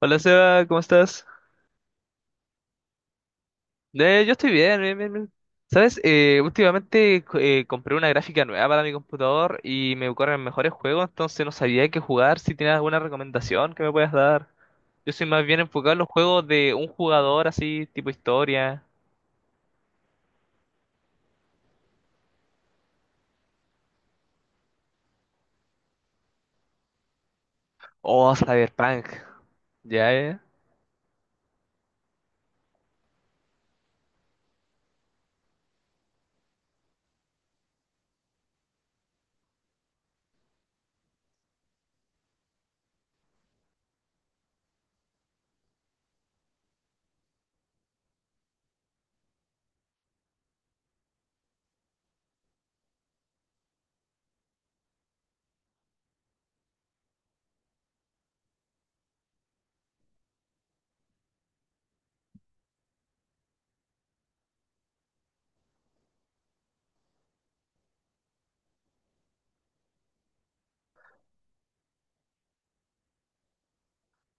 Hola Seba, ¿cómo estás? Yo estoy bien. ¿Sabes? Últimamente compré una gráfica nueva para mi computador y me corren mejores juegos, entonces no sabía qué jugar. Si tienes alguna recomendación que me puedas dar. Yo soy más bien enfocado en los juegos de un jugador así, tipo historia. Oh, Cyberpunk. Ya,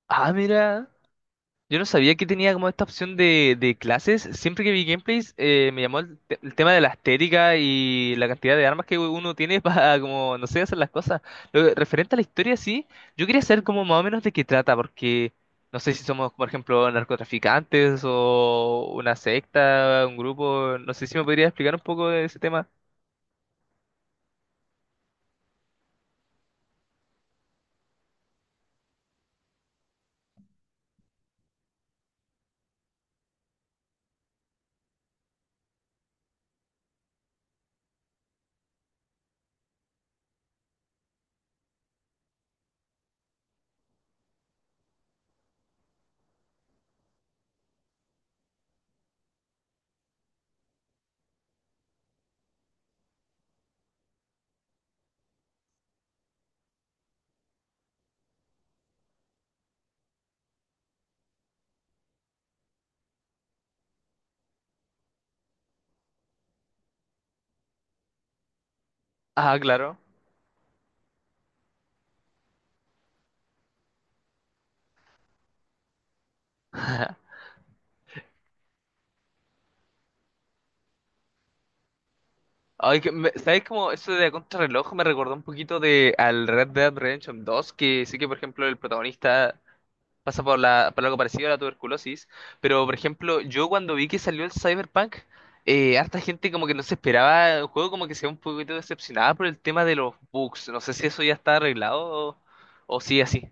Ah, mira. Yo no sabía que tenía como esta opción de clases. Siempre que vi gameplays, me llamó el tema de la estética y la cantidad de armas que uno tiene para, como, no sé, hacer las cosas. Referente a la historia, sí, yo quería saber como más o menos de qué trata, porque no sé si somos, por ejemplo, narcotraficantes o una secta, un grupo. No sé si me podría explicar un poco de ese tema. Ah, claro. Ay, ¿sabes cómo eso de contrarreloj me recordó un poquito de al Red Dead Redemption 2? Que sí que, por ejemplo, el protagonista pasa por por algo parecido a la tuberculosis, pero por ejemplo, yo cuando vi que salió el Cyberpunk, harta gente como que no se esperaba el juego, como que se ve un poquito decepcionada por el tema de los bugs. No sé si eso ya está arreglado o, o sigue así.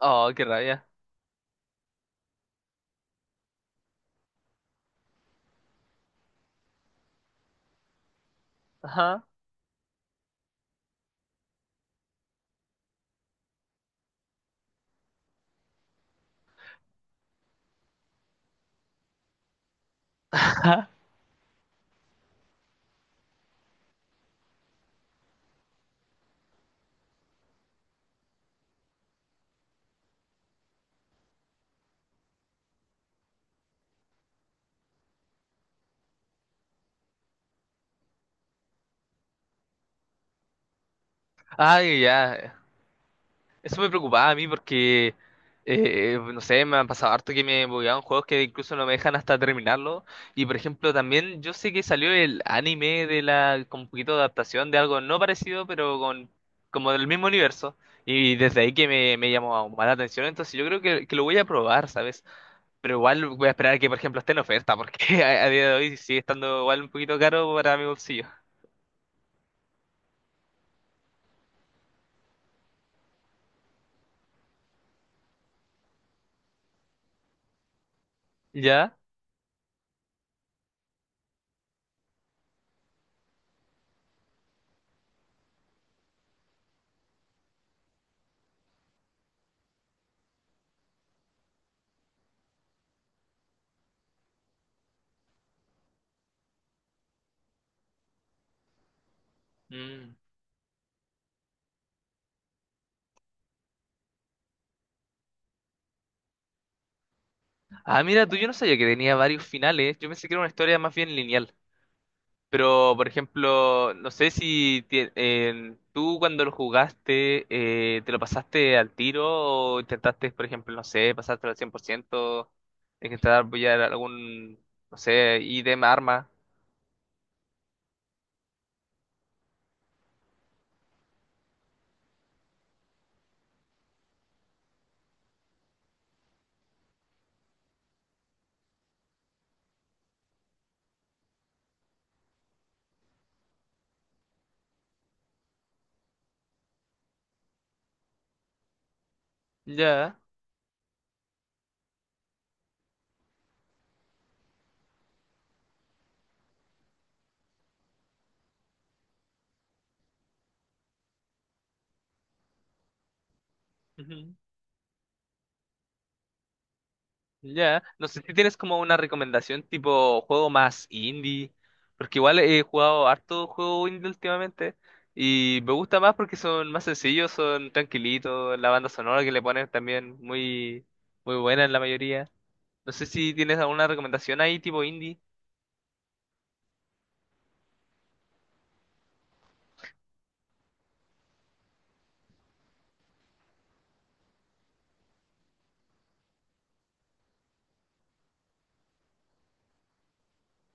Oh, qué rabia. Ajá. Ay, ya. Eso me preocupaba a mí porque, no sé, me han pasado harto que me bugueaban juegos que incluso no me dejan hasta terminarlo. Y por ejemplo, también yo sé que salió el anime de con un poquito de adaptación de algo no parecido, pero como del mismo universo. Y desde ahí que me llamó aún más la atención, entonces yo creo que lo voy a probar, ¿sabes? Pero igual voy a esperar a que, por ejemplo, esté en oferta, porque a día de hoy sigue estando igual un poquito caro para mi bolsillo. ¿Ya? Mm. Ah, mira, tú yo no sabía que tenía varios finales. Yo pensé que era una historia más bien lineal. Pero, por ejemplo, no sé si tú cuando lo jugaste, ¿te lo pasaste al tiro o intentaste, por ejemplo, no sé, pasártelo al 100% intentar apoyar algún, no sé, ítem, arma? Ya. Ya, no sé si tienes como una recomendación tipo juego más indie, porque igual he jugado harto juego indie últimamente y me gusta más porque son más sencillos, son tranquilitos, la banda sonora que le ponen también muy buena en la mayoría. No sé si tienes alguna recomendación ahí tipo indie.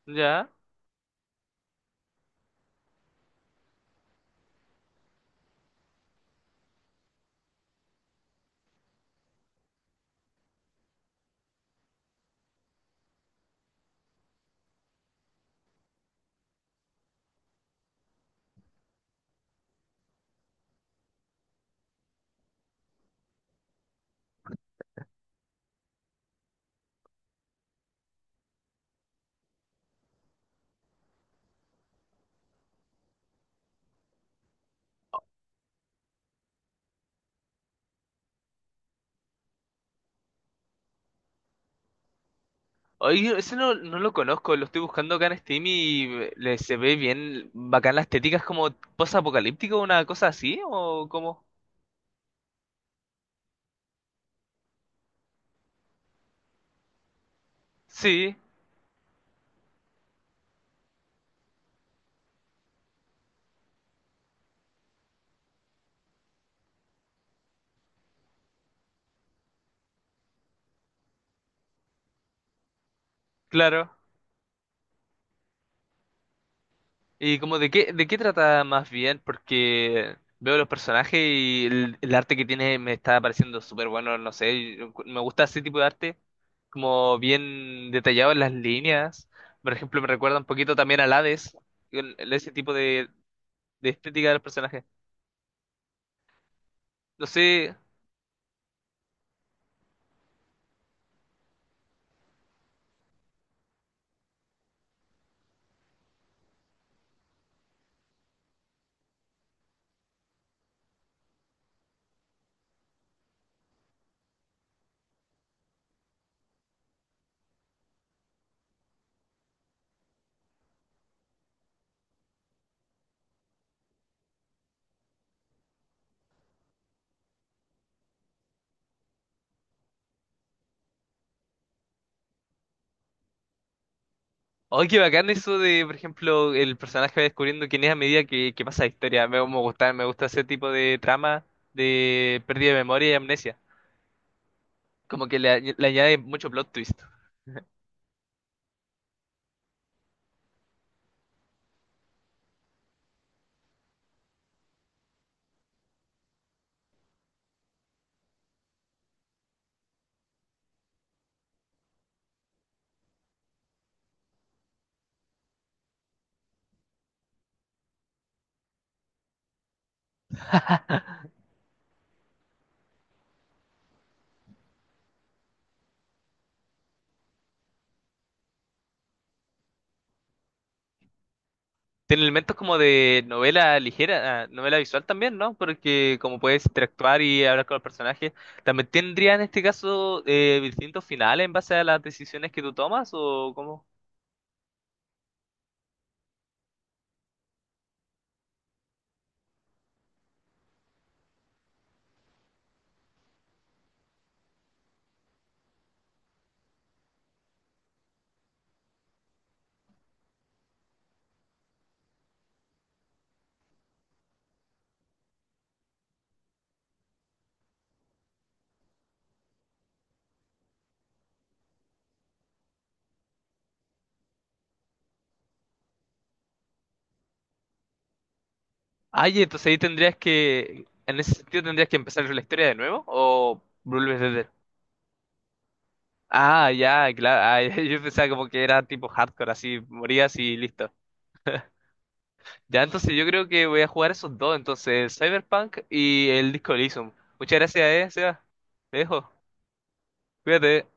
Ya. Oye, ese no lo conozco, lo estoy buscando acá en Steam y se ve bien bacán la estética, es como post-apocalíptico, una cosa así o como... Sí, claro. ¿Y como de qué trata más bien? Porque veo los personajes y el arte que tiene me está pareciendo súper bueno, no sé, yo me gusta ese tipo de arte, como bien detallado en las líneas. Por ejemplo, me recuerda un poquito también al Hades, con ese tipo de estética de los personajes. No sé. ¡Ay, qué bacán eso de, por ejemplo, el personaje va descubriendo quién es a medida que pasa la historia! Me gusta ese tipo de trama de pérdida de memoria y amnesia. Como que le añade mucho plot twist. Tiene elementos como de novela ligera, ah, novela visual también, ¿no? Porque como puedes interactuar y hablar con los personajes, ¿también tendría en este caso distintos finales en base a las decisiones que tú tomas o cómo? Ay, entonces ahí tendrías que, en ese sentido tendrías que empezar la historia de nuevo o vuelves desde... Ah, ya, claro, ah, yo pensaba como que era tipo hardcore, así morías y listo. Ya, entonces yo creo que voy a jugar esos dos, entonces Cyberpunk y el Disco Elysium. Muchas gracias, Seba. Te dejo. Cuídate.